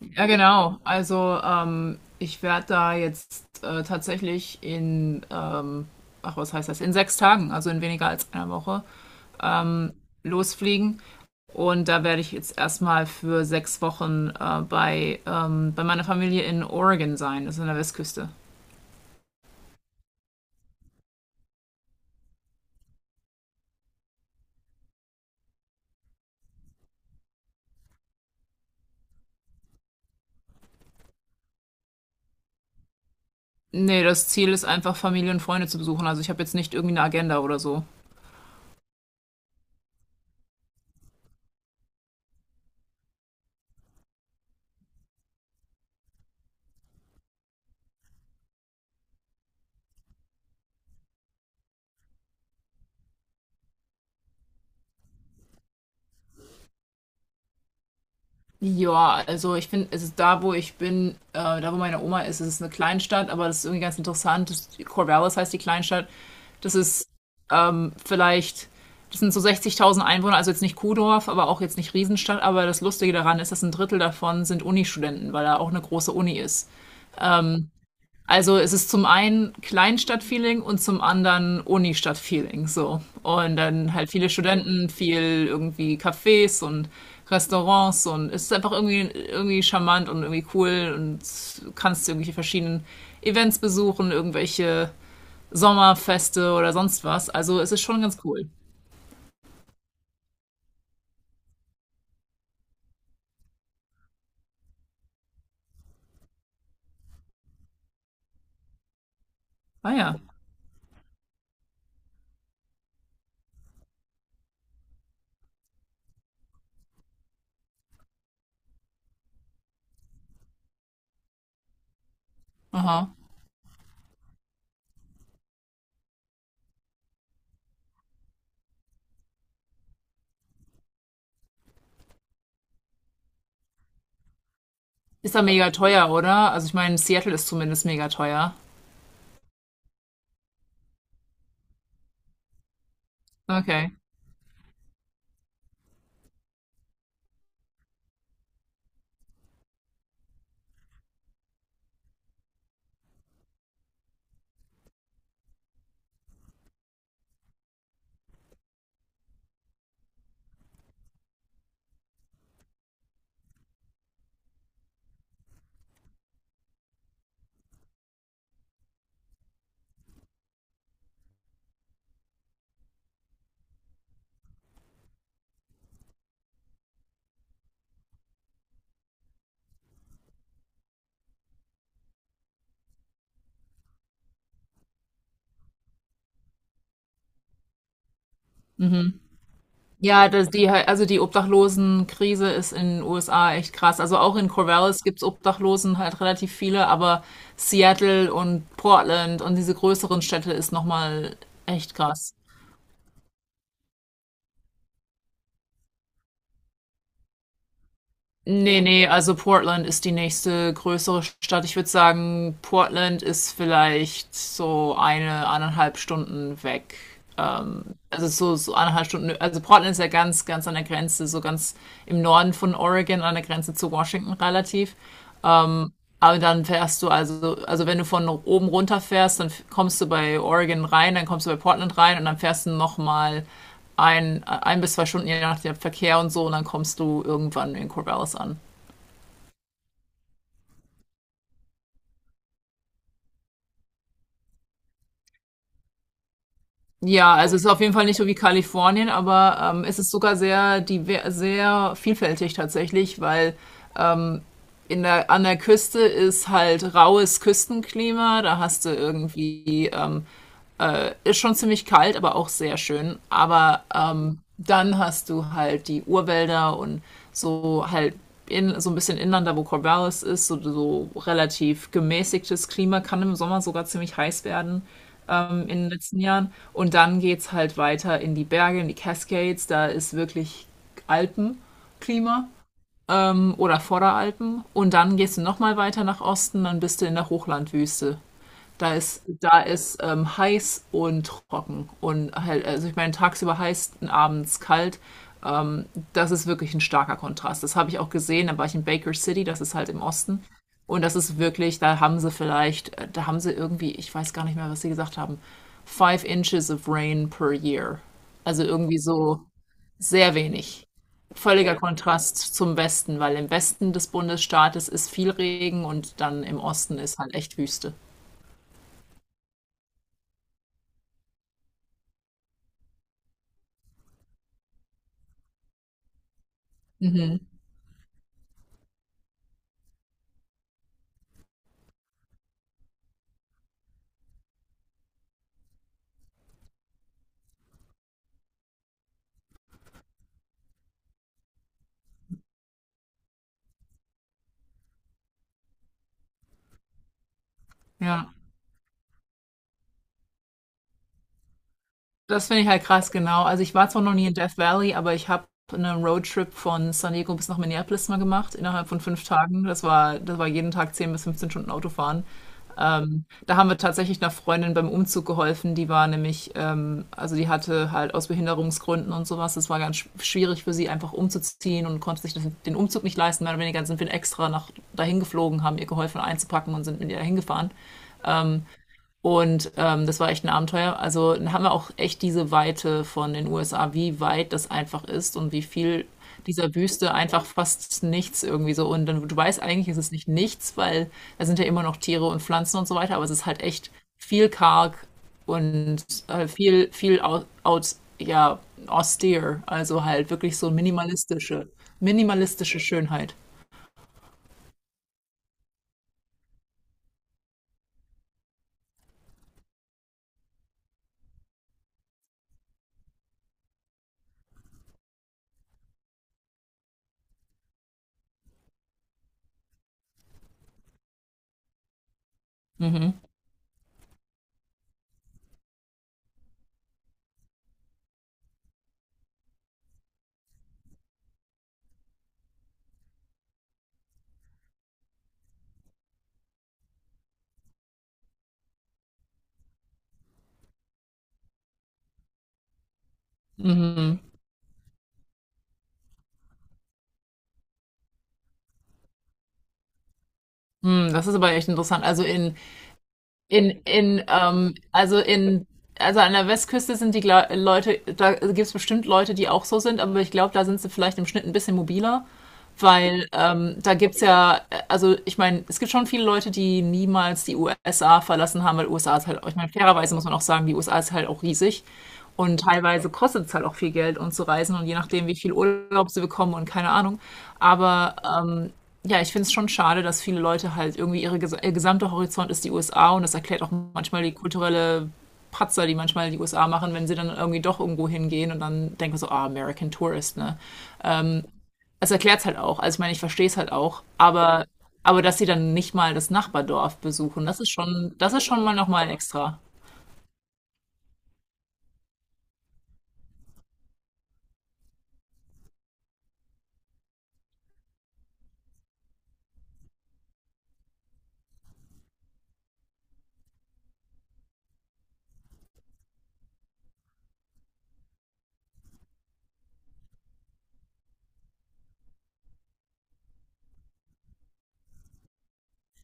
Ja, genau. Also ich werde da jetzt tatsächlich ach was heißt das, in 6 Tagen, also in weniger als einer Woche, losfliegen. Und da werde ich jetzt erstmal für 6 Wochen bei meiner Familie in Oregon sein, das ist an der Westküste. Nee, das Ziel ist einfach, Familie und Freunde zu besuchen. Also ich habe jetzt nicht irgendwie eine Agenda oder so. Ja, also ich finde, es ist da, wo ich bin, da wo meine Oma ist, es ist eine Kleinstadt, aber das ist irgendwie ganz interessant. Das, Corvallis heißt die Kleinstadt. Das ist vielleicht, das sind so 60.000 Einwohner, also jetzt nicht Kuhdorf, aber auch jetzt nicht Riesenstadt. Aber das Lustige daran ist, dass ein Drittel davon sind Uni-Studenten, weil da auch eine große Uni ist. Also es ist zum einen Kleinstadt-Feeling und zum anderen Uni-Stadt-Feeling. So. Und dann halt viele Studenten, viel irgendwie Cafés und Restaurants, und es ist einfach irgendwie, irgendwie charmant und irgendwie cool, und kannst irgendwelche verschiedenen Events besuchen, irgendwelche Sommerfeste oder sonst was. Also es ist schon ganz cool. Ah ja. Aha. Ist da mega teuer, oder? Also ich meine, Seattle ist zumindest mega teuer. Okay. Ja, das, die, also die Obdachlosenkrise ist in den USA echt krass. Also auch in Corvallis gibt's Obdachlosen halt relativ viele, aber Seattle und Portland und diese größeren Städte ist nochmal echt krass. Nee, nee, also Portland ist die nächste größere Stadt. Ich würde sagen, Portland ist vielleicht so eine, 1,5 Stunden weg. Also so, so 1,5 Stunden. Also Portland ist ja ganz, ganz an der Grenze, so ganz im Norden von Oregon, an der Grenze zu Washington relativ. Aber dann fährst du also wenn du von oben runter fährst, dann kommst du bei Oregon rein, dann kommst du bei Portland rein und dann fährst du nochmal ein, 1 bis 2 Stunden, je nach dem Verkehr und so, und dann kommst du irgendwann in Corvallis an. Ja, also es ist auf jeden Fall nicht so wie Kalifornien, aber es ist sogar sehr, diver sehr vielfältig tatsächlich, weil in der, an der Küste ist halt raues Küstenklima, da hast du irgendwie ist schon ziemlich kalt, aber auch sehr schön. Aber dann hast du halt die Urwälder und so halt in, so ein bisschen inland, da wo Corvallis ist, so, so relativ gemäßigtes Klima, kann im Sommer sogar ziemlich heiß werden in den letzten Jahren. Und dann geht's halt weiter in die Berge, in die Cascades, da ist wirklich Alpenklima oder Vorderalpen. Und dann gehst du nochmal weiter nach Osten, dann bist du in der Hochlandwüste. Da ist heiß und trocken. Und halt, also ich meine, tagsüber heiß, abends kalt. Ähm, das ist wirklich ein starker Kontrast. Das habe ich auch gesehen. Da war ich in Baker City, das ist halt im Osten. Und das ist wirklich, da haben sie vielleicht, da haben sie irgendwie, ich weiß gar nicht mehr, was sie gesagt haben, five inches of rain per year. Also irgendwie so sehr wenig. Völliger Kontrast zum Westen, weil im Westen des Bundesstaates ist viel Regen und dann im Osten ist halt echt Wüste. Ja. Das finde ich halt krass, genau. Also ich war zwar noch nie in Death Valley, aber ich habe einen Roadtrip von San Diego bis nach Minneapolis mal gemacht, innerhalb von 5 Tagen. Das war jeden Tag 10 bis 15 Stunden Autofahren. Da haben wir tatsächlich einer Freundin beim Umzug geholfen. Die war nämlich, also die hatte halt aus Behinderungsgründen und sowas. Es war ganz schwierig für sie, einfach umzuziehen, und konnte sich das, den Umzug nicht leisten. Mehr oder weniger sind wir extra nach dahin geflogen, haben ihr geholfen einzupacken und sind mit ihr dahin gefahren. Und das war echt ein Abenteuer. Also dann haben wir auch echt diese Weite von den USA, wie weit das einfach ist und wie viel dieser Wüste einfach fast nichts irgendwie so. Und dann, du weißt eigentlich, ist es nicht nichts, weil da sind ja immer noch Tiere und Pflanzen und so weiter, aber es ist halt echt viel karg und viel, ja, austere. Also halt wirklich so minimalistische, minimalistische Schönheit. Mhm. Hm, das ist aber echt interessant. Also In, in, ähm, also in, also an der Westküste sind die Gla Leute, da gibt es bestimmt Leute, die auch so sind, aber ich glaube, da sind sie vielleicht im Schnitt ein bisschen mobiler. Weil da gibt's ja, also ich meine, es gibt schon viele Leute, die niemals die USA verlassen haben, weil USA ist halt, ich meine, fairerweise muss man auch sagen, die USA ist halt auch riesig. Und teilweise kostet es halt auch viel Geld, um zu reisen, und je nachdem, wie viel Urlaub sie bekommen und keine Ahnung. Aber ähm, ja, ich finde es schon schade, dass viele Leute halt irgendwie ihr gesamter Horizont ist die USA, und das erklärt auch manchmal die kulturelle Patzer, die manchmal die USA machen, wenn sie dann irgendwie doch irgendwo hingehen und dann denken so, ah, American Tourist, ne? Es erklärt's halt auch. Also ich meine, ich verstehe es halt auch. Aber dass sie dann nicht mal das Nachbardorf besuchen, das ist schon mal nochmal extra.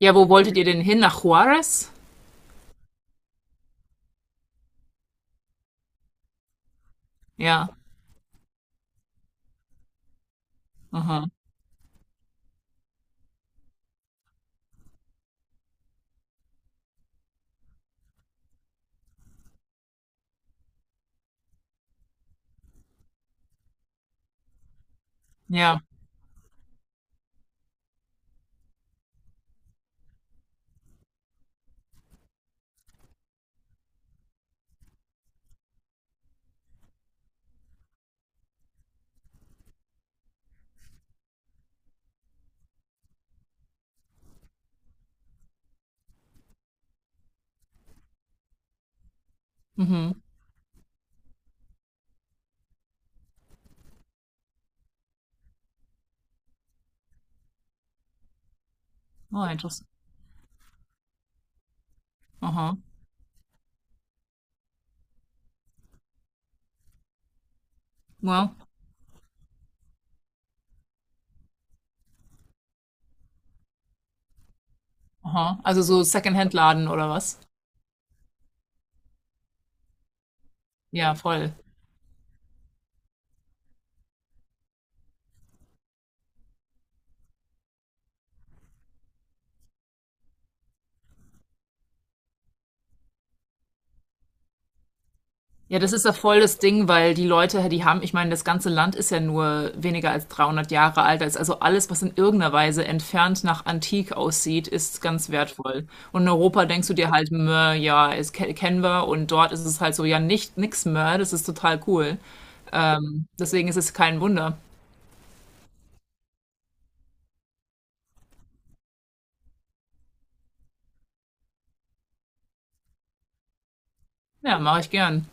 Ja, wo wolltet ihr denn hin? Nach Juarez? Ja. Aha. Ja. Mhm. Oh, interessant. Aha. Wow. Aha. Also so Secondhand-Laden oder was? Ja, voll. Ja, das ist ja voll das Ding, weil die Leute, die haben, ich meine, das ganze Land ist ja nur weniger als 300 Jahre alt. Da ist, also alles, was in irgendeiner Weise entfernt nach Antik aussieht, ist ganz wertvoll. Und in Europa denkst du dir halt, mö, ja, es kennen wir. Und dort ist es halt so, ja, nicht, nix mehr. Das ist total cool. Deswegen ist es kein Wunder. Ja, mache ich gern.